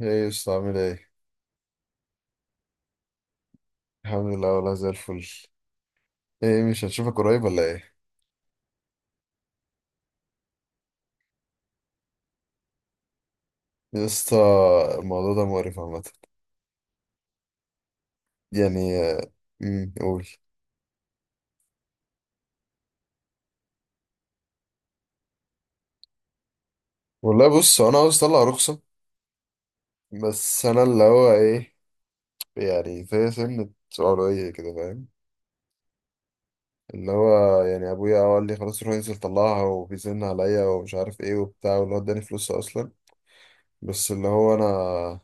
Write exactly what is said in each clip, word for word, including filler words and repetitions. ايه يا اسطى عامل ايه؟ الحمد لله والله زي الفل. ايه مش هنشوفك قريب ولا ايه؟ يا اسطى الموضوع ده مقرف عامة. يعني آه، امم قول. والله بص هو انا عاوز اطلع رخصة، بس انا اللي هو ايه، يعني في سنة علوية كده فاهم، اللي هو يعني ابويا قال لي خلاص روح انزل طلعها وبيزن عليا ومش عارف ايه وبتاع واللي هو اداني فلوس اصلا، بس اللي هو انا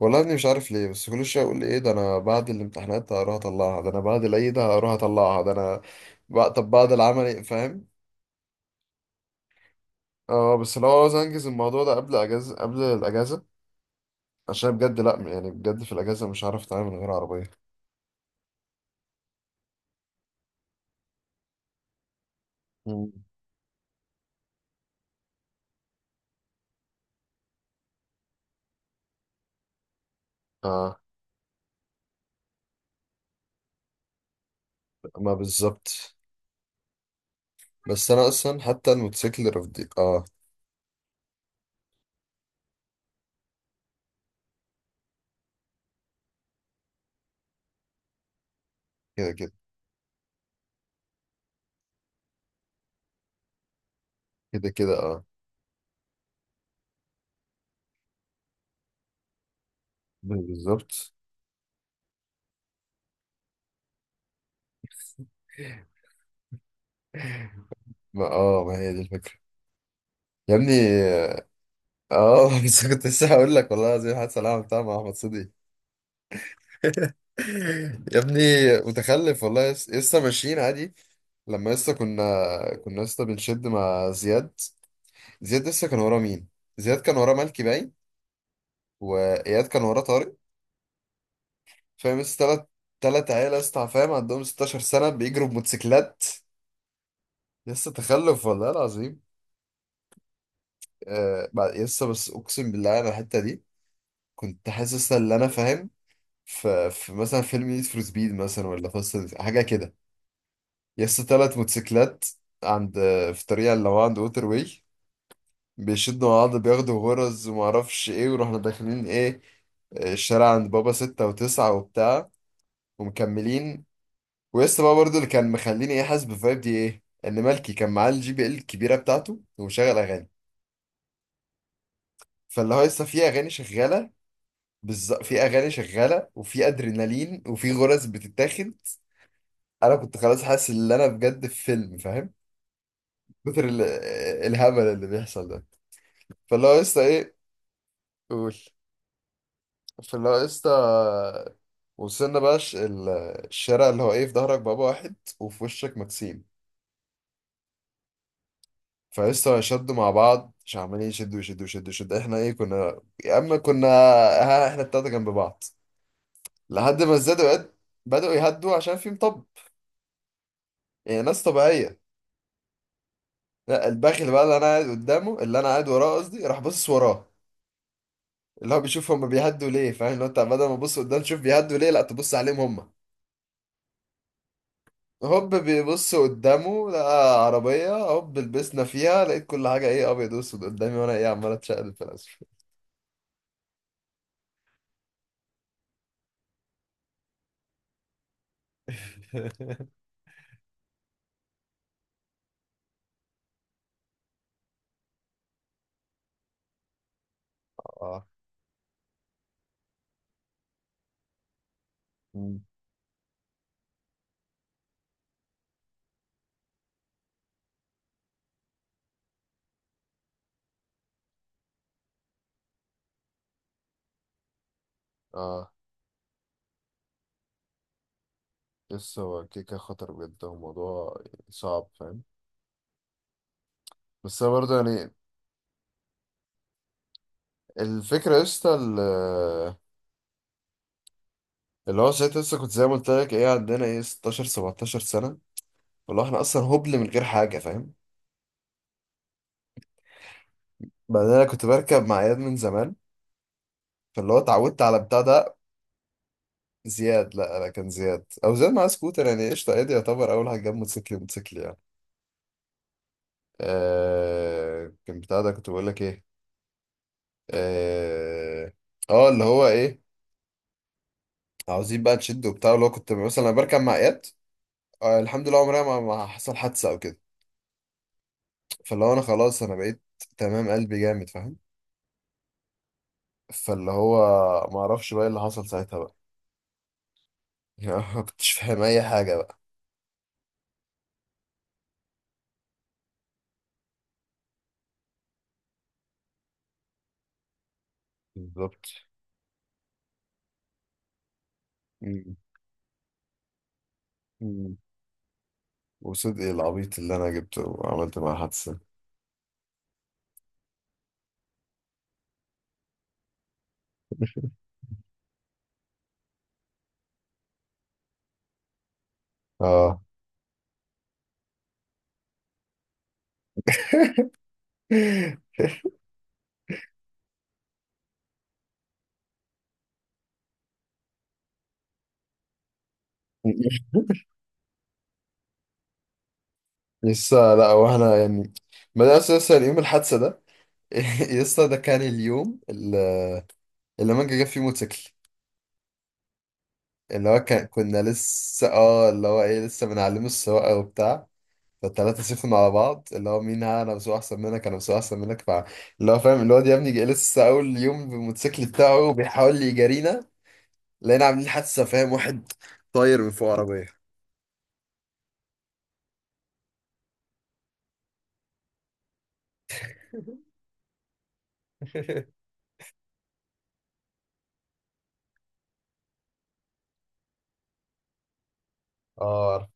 والله يا ابني مش عارف ليه، بس كل شويه اقول ايه ده، انا بعد الامتحانات هروح اطلعها، ده انا بعد العيد هروح اطلعها، ده انا بقى طب بعد العمل فاهم. اه بس لو عاوز انجز الموضوع ده قبل اجازه، قبل الاجازه، عشان بجد لا يعني بجد في الاجازه مش عارف اتعامل من غير عربيه. مم. اه ما بالظبط. بس انا اصلا حتى الموتوسيكل رفضي اه. كده كده كده كده اه بالظبط. ما اه ما هي دي الفكره. يا ابني اه بس كنت لسه هقول لك، والله زي حد سلام بتاع مع احمد صديق. يا ابني متخلف والله، يس- لسه ماشيين عادي، لما لسه كنا، كنا لسه بنشد مع زياد. زياد لسه كان وراه مين؟ زياد كان وراه ملكي باين، واياد كان وراه طارق. فاهم لسه تلات، تلات عيال لسه فاهم عندهم ستاشر سنة بيجروا بموتوسيكلات. لسه تخلف والله العظيم. آه بعد- لسه بس اقسم بالله انا الحتة دي كنت حاسس ان انا فاهم في في مثلا فيلم نيد فور سبيد مثلا ولا فاست حاجة كده. يس تلات موتوسيكلات عند، في الطريق اللي هو عند ووتر واي، بيشدوا مع بعض بياخدوا غرز ومعرفش ايه، ورحنا داخلين ايه الشارع عند بابا ستة وتسعة وبتاع ومكملين. ويس بقى برضو اللي كان مخليني ايه حاسس بالفايب دي ايه، ان مالكي كان معاه الجي بي ال الكبيرة بتاعته ومشغل اغاني، فاللي هو لسه في اغاني شغالة. بالظبط في اغاني شغالة وفي ادرينالين وفي غرز بتتاخد. انا كنت خلاص حاسس ان انا بجد في فيلم، فاهم كتر ال- الهبل اللي بيحصل ده. فاللي هو لسه ايه، قول. فاللي هو لسه وصلنا بقى ش- ال- الشارع اللي هو ايه في ظهرك بابا واحد وفي وشك مكسيم. فلسه شدوا مع بعض، مش عمالين يشدوا يشدوا يشدوا يشدوا، احنا ايه كنا يا اما كنا ها احنا التلاته جنب بعض لحد ما ازدادوا يد- بدأوا يهدوا عشان في مطب، يعني ناس طبيعية. لا الباخل بقى اللي انا قاعد قدامه، اللي انا قاعد وراه قصدي، راح باصص وراه، اللي هو بيشوف هما بيهدوا ليه فاهم، اللي هو انت بدل ما تبص قدام تشوف بيهدوا ليه، لا تبص عليهم هما. هوب بيبص قدامه لقى عربية، هوب لبسنا فيها، لقيت كل حاجة ايه ابيض واسود قدامي، وانا ايه عمال اتشقلب في الاسفل. اه. مم. اه بس هو كيكة خطر بجد، هو موضوع صعب فاهم. بس انا برضه يعني الفكرة يا اسطى ال- اللي هو ساعتها لسه كنت زي ما قلت لك ايه عندنا ايه ستاشر سبعتاشر سنة، فاللي هو احنا اصلا هبل من غير حاجة فاهم. بعدين انا كنت بركب مع اياد من زمان، فاللي هو اتعودت على بتاع ده. زياد لا لا كان زياد، او زياد معاه سكوتر يعني قشطه، ايدي يعتبر اول حاجه جاب موتوسيكل موتوسيكل يعني. آه كان بتاع ده كنت بقول لك ايه. اه آه، اللي هو ايه عاوزين بقى نشد وبتاع، اللي هو كنت مثلا أنا بركب مع اياد. آه الحمد لله عمرها ما, ما حصل حادثه او كده. فاللي هو انا خلاص انا بقيت تمام، قلبي جامد فاهم. فاللي هو ما اعرفش بقى إيه اللي حصل ساعتها بقى، يعني ما كنتش فاهم اي حاجه بقى. بالظبط. مم. مم. وصدقي العبيط اللي انا جبته وعملت معاه حادثه. اه لسه لا واحنا يعني بدأنا لسه، لسه اليوم الحادثة ده لسه ده كان اليوم اللي اللي مانجا جاب فيه موتوسيكل. اللي هو كان كنا لسه اه اللي هو ايه لسه بنعلمه السواقة وبتاع، فالتلاتة سيفنا على بعض، اللي هو مين ها، انا بسوق احسن منك، انا بسوق احسن منك، فا اللي هو فاهم الواد يا ابني جاي لسه اول يوم بالموتوسيكل بتاعه بيحاول يجارينا، لقينا عاملين حادثة فاهم، واحد طاير من فوق عربية. اه عارف.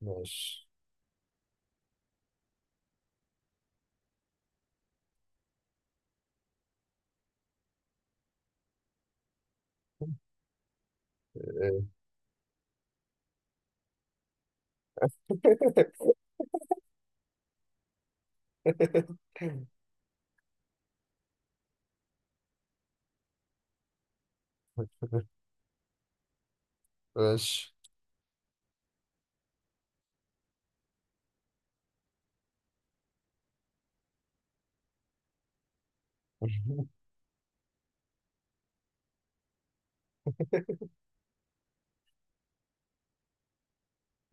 ماشي. ماشي.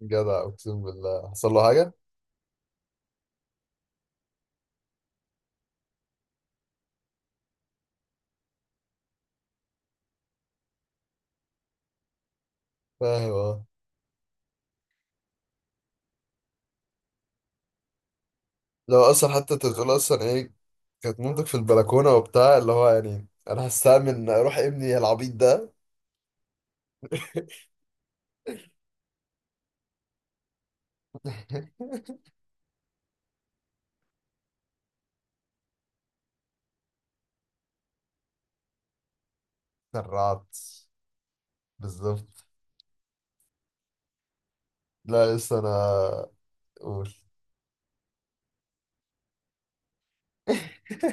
جدع اقسم بالله حصل له حاجه فاهم اه. لو اصلا حتى انت بتقول اصلا ايه كانت مامتك في البلكونه وبتاع، اللي هو يعني انا هستأمن اروح ابني العبيط ده. سرعت بالظبط. لا لسه انا قول.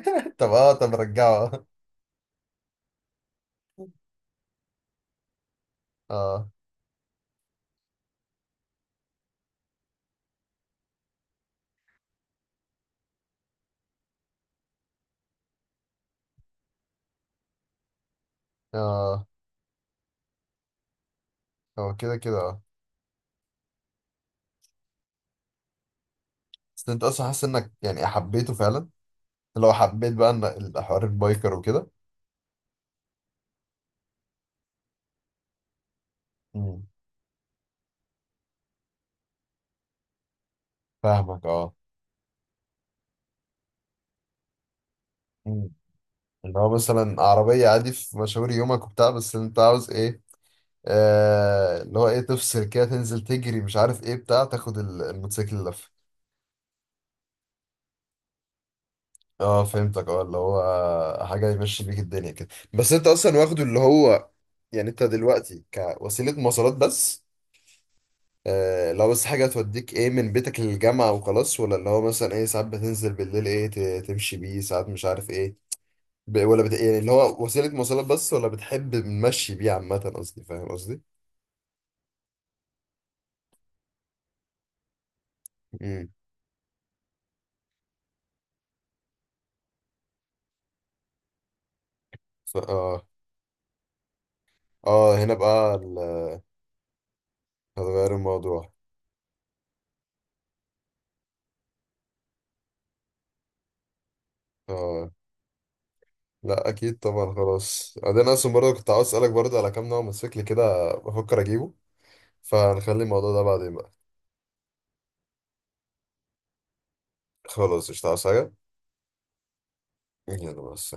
طب اه طب رجعه. اه اه هو كده كده اه. بس انت اصلا حاسس انك يعني حبيته فعلا، لو حبيت بقى ان الحوار البايكر وكده. مم. فاهمك اه. اللي هو مثلا عربية عادي في مشاوير يومك وبتاع، بس انت عاوز ايه آه، اللي هو ايه تفصل كده تنزل تجري مش عارف ايه بتاع، تاخد ال- الموتوسيكل لفة. اه فهمتك اه، اللي هو حاجة يمشي بيك الدنيا كده. بس انت اصلا واخده اللي هو يعني انت دلوقتي كوسيلة مواصلات بس، آه لو بس حاجة توديك ايه من بيتك للجامعة وخلاص، ولا اللي هو مثلا ايه ساعات بتنزل بالليل ايه ت- تمشي بيه ساعات مش عارف ايه، ب- ولا بت... يعني اللي هو وسيلة مواصلات بس، ولا بتحب نمشي بيه عامة قصدي، فاهم قصدي؟ ف... اه. اه هنا بقى ال- هتغير الموضوع. اه لا اكيد طبعا خلاص بعدين، اصلا برضه كنت عاوز اسالك برضه على كام نوع موتوسيكل كده بفكر اجيبه، فنخلي الموضوع ده بعدين بقى. خلاص مش عاوز حاجه، يلا بس.